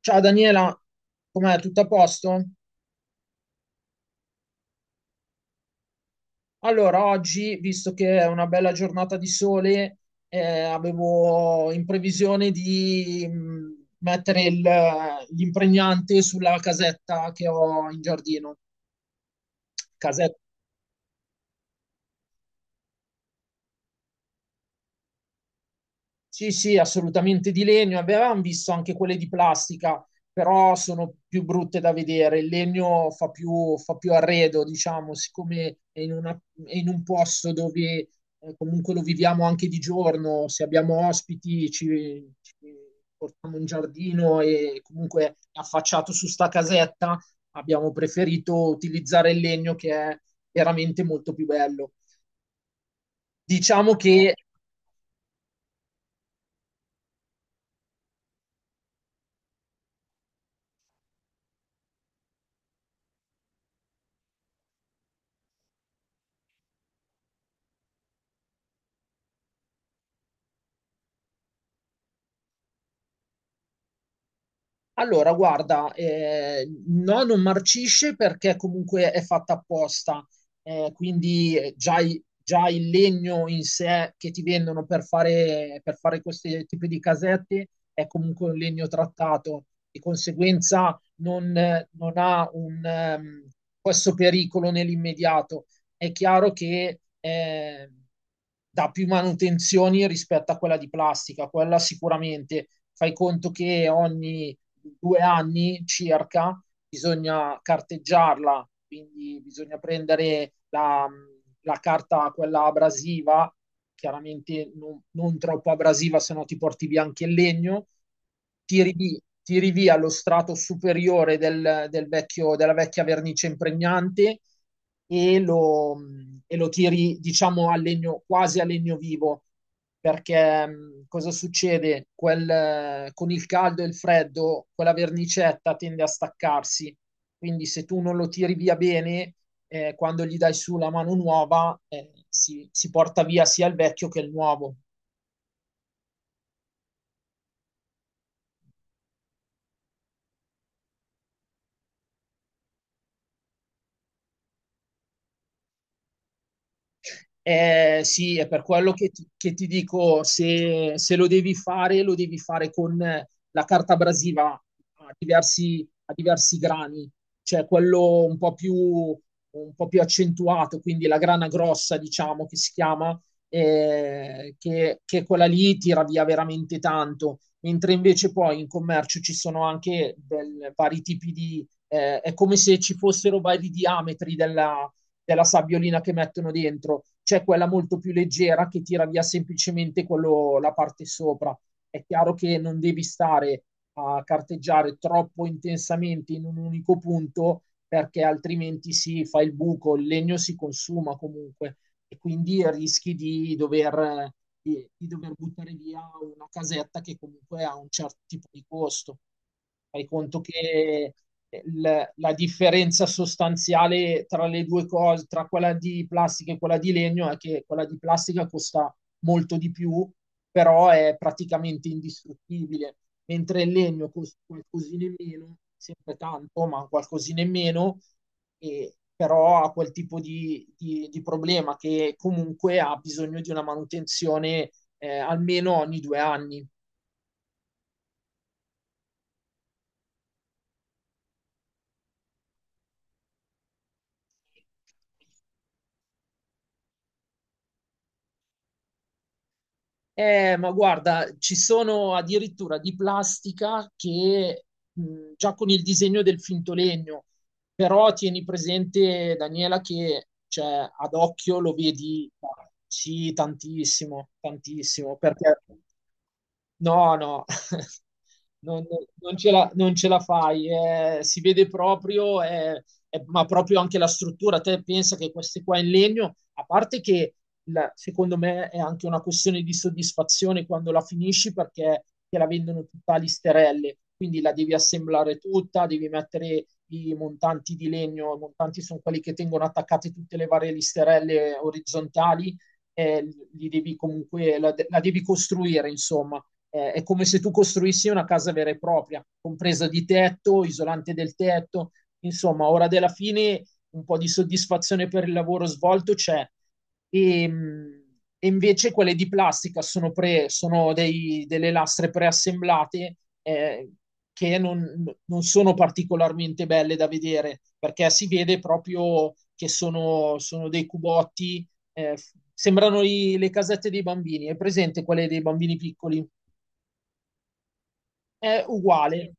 Ciao Daniela, com'è? Tutto a posto? Allora, oggi, visto che è una bella giornata di sole, avevo in previsione di mettere l'impregnante sulla casetta che ho in giardino. Casetta sì, sì, assolutamente di legno. Avevamo visto anche quelle di plastica, però sono più brutte da vedere. Il legno fa più arredo, diciamo, siccome è in un posto dove comunque lo viviamo anche di giorno. Se abbiamo ospiti, ci portiamo in giardino e comunque è affacciato su sta casetta, abbiamo preferito utilizzare il legno che è veramente molto più bello. Diciamo che allora, guarda, no, non marcisce perché comunque è fatta apposta, quindi già, già il legno in sé che ti vendono per fare questi tipi di casette è comunque un legno trattato, di conseguenza non, non ha un, questo pericolo nell'immediato. È chiaro che dà più manutenzioni rispetto a quella di plastica, quella sicuramente. Fai conto che ogni due anni circa, bisogna carteggiarla, quindi bisogna prendere la, la carta, quella abrasiva, chiaramente non, non troppo abrasiva, se no ti porti via anche il legno, tiri via lo strato superiore del, del vecchio, della vecchia vernice impregnante e lo, e lo tiri, diciamo, a legno, quasi a legno vivo perché cosa succede? Quel, con il caldo e il freddo, quella vernicetta tende a staccarsi, quindi se tu non lo tiri via bene, quando gli dai su la mano nuova, si, si porta via sia il vecchio che il nuovo. Sì, è per quello che ti dico, se, se lo devi fare, lo devi fare con la carta abrasiva a diversi grani, cioè quello un po' più accentuato, quindi la grana grossa, diciamo, che si chiama, che quella lì tira via veramente tanto, mentre invece poi in commercio ci sono anche vari tipi di, è come se ci fossero vari diametri della della sabbiolina che mettono dentro, c'è quella molto più leggera che tira via semplicemente quello, la parte sopra. È chiaro che non devi stare a carteggiare troppo intensamente in un unico punto perché altrimenti si fa il buco, il legno si consuma comunque e quindi rischi di dover, di dover buttare via una casetta che comunque ha un certo tipo di costo. Fai conto che la differenza sostanziale tra le due cose, tra quella di plastica e quella di legno, è che quella di plastica costa molto di più, però è praticamente indistruttibile, mentre il legno costa qualcosina in meno, sempre tanto, ma qualcosina in meno, e però ha quel tipo di, di problema che comunque ha bisogno di una manutenzione almeno ogni due anni. Ma guarda, ci sono addirittura di plastica che già con il disegno del finto legno, però tieni presente, Daniela, che cioè, ad occhio lo vedi, ah, sì, tantissimo, tantissimo, perché no, no, non, non ce la fai, si vede proprio, ma proprio anche la struttura. Te pensa che queste qua in legno, a parte che secondo me è anche una questione di soddisfazione quando la finisci perché te la vendono tutta a listerelle, quindi la devi assemblare tutta, devi mettere i montanti di legno, i montanti sono quelli che tengono attaccate tutte le varie listerelle orizzontali, eh, li devi comunque, la devi costruire, insomma è come se tu costruissi una casa vera e propria, compresa di tetto, isolante del tetto. Insomma, ora della fine un po' di soddisfazione per il lavoro svolto c'è. E, mh, e invece quelle di plastica sono, sono dei, delle lastre preassemblate eh, che non, non sono particolarmente belle da vedere perché si vede proprio che sono, sono dei cubotti, eh, sembrano le casette dei bambini. È presente quelle dei bambini piccoli? È uguale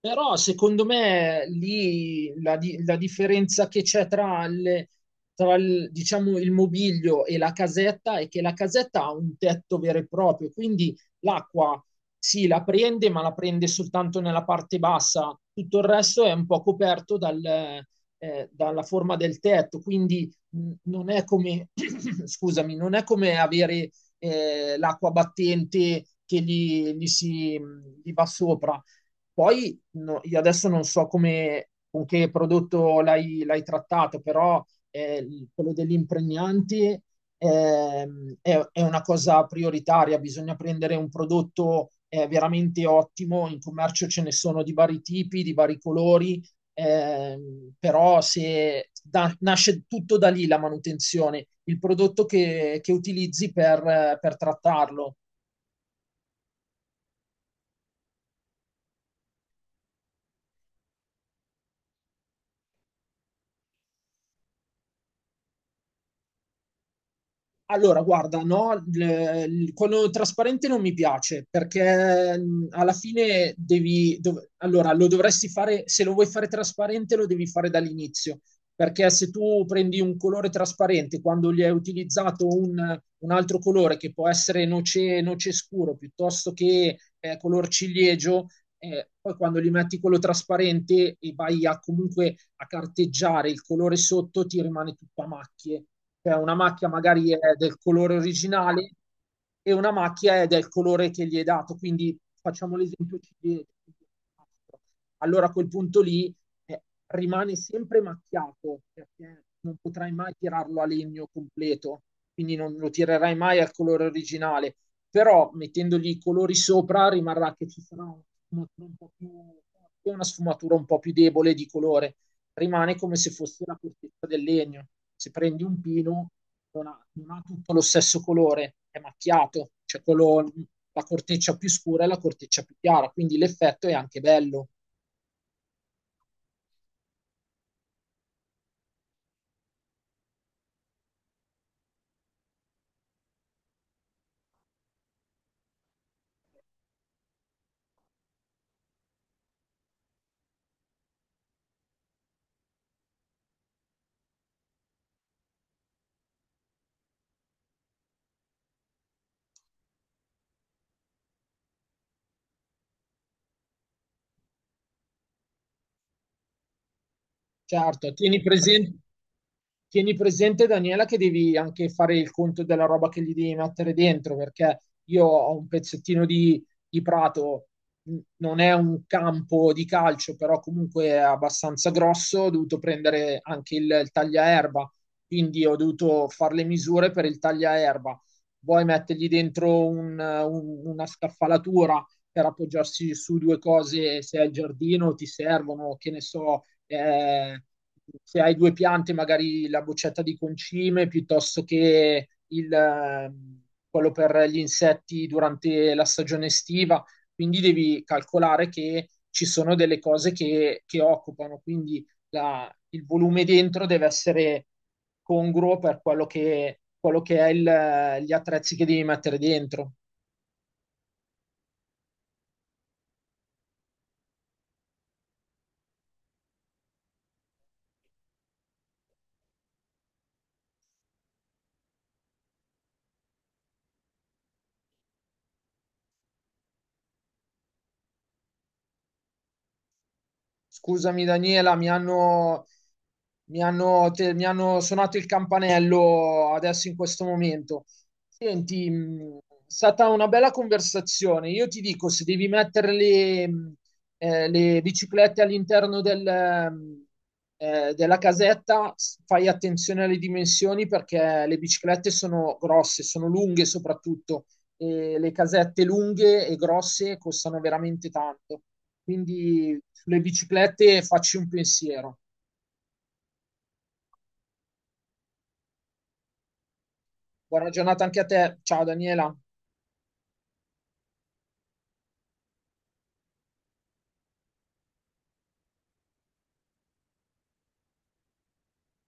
però secondo me lì la, la differenza che c'è tra, tra il, diciamo, il mobilio e la casetta è che la casetta ha un tetto vero e proprio, quindi l'acqua sì, la prende, ma la prende soltanto nella parte bassa, tutto il resto è un po' coperto dal, dalla forma del tetto, quindi non è come, scusami, non è come avere l'acqua battente che gli si, gli va sopra. Poi no, io adesso non so come, con che prodotto l'hai, l'hai trattato, però quello degli impregnanti è una cosa prioritaria, bisogna prendere un prodotto veramente ottimo, in commercio ce ne sono di vari tipi, di vari colori, però se nasce tutto da lì la manutenzione, il prodotto che utilizzi per trattarlo. Allora, guarda, no, quello trasparente non mi piace perché alla fine devi, allora, lo dovresti fare, se lo vuoi fare trasparente lo devi fare dall'inizio, perché se tu prendi un colore trasparente quando gli hai utilizzato un altro colore che può essere noce, noce scuro piuttosto che color ciliegio, poi quando gli metti quello trasparente e vai a comunque a carteggiare il colore sotto ti rimane tutto a macchie cioè una macchia magari è del colore originale e una macchia è del colore che gli è dato. Quindi facciamo l'esempio ciliegia. Allora a quel punto lì eh, rimane sempre macchiato perché non potrai mai tirarlo a legno completo, quindi non lo tirerai mai al colore originale. Però mettendogli i colori sopra rimarrà che ci sarà una sfumatura un po' più, una sfumatura un po' più debole di colore rimane come se fosse la corteccia del legno. Se prendi un pino, non ha, non ha tutto lo stesso colore, è macchiato, cioè quello, la corteccia più scura e la corteccia più chiara, quindi l'effetto è anche bello. Certo, tieni presente, Daniela, che devi anche fare il conto della roba che gli devi mettere dentro, perché io ho un pezzettino di prato, non è un campo di calcio, però comunque è abbastanza grosso, ho dovuto prendere anche il tagliaerba, quindi ho dovuto fare le misure per il tagliaerba. Vuoi mettergli dentro una scaffalatura per appoggiarsi su due cose, se è il giardino ti servono, che ne so, eh, se hai due piante, magari la boccetta di concime piuttosto che il, quello per gli insetti durante la stagione estiva. Quindi devi calcolare che ci sono delle cose che occupano, quindi il volume dentro deve essere congruo per quello che è gli attrezzi che devi mettere dentro. Scusami Daniela, mi hanno suonato il campanello adesso in questo momento. Senti, è stata una bella conversazione. Io ti dico, se devi mettere le biciclette all'interno del, della casetta, fai attenzione alle dimensioni perché le biciclette sono grosse, sono lunghe soprattutto, e le casette lunghe e grosse costano veramente tanto. Quindi sulle biciclette e facci un pensiero. Buona giornata anche a te. Ciao Daniela.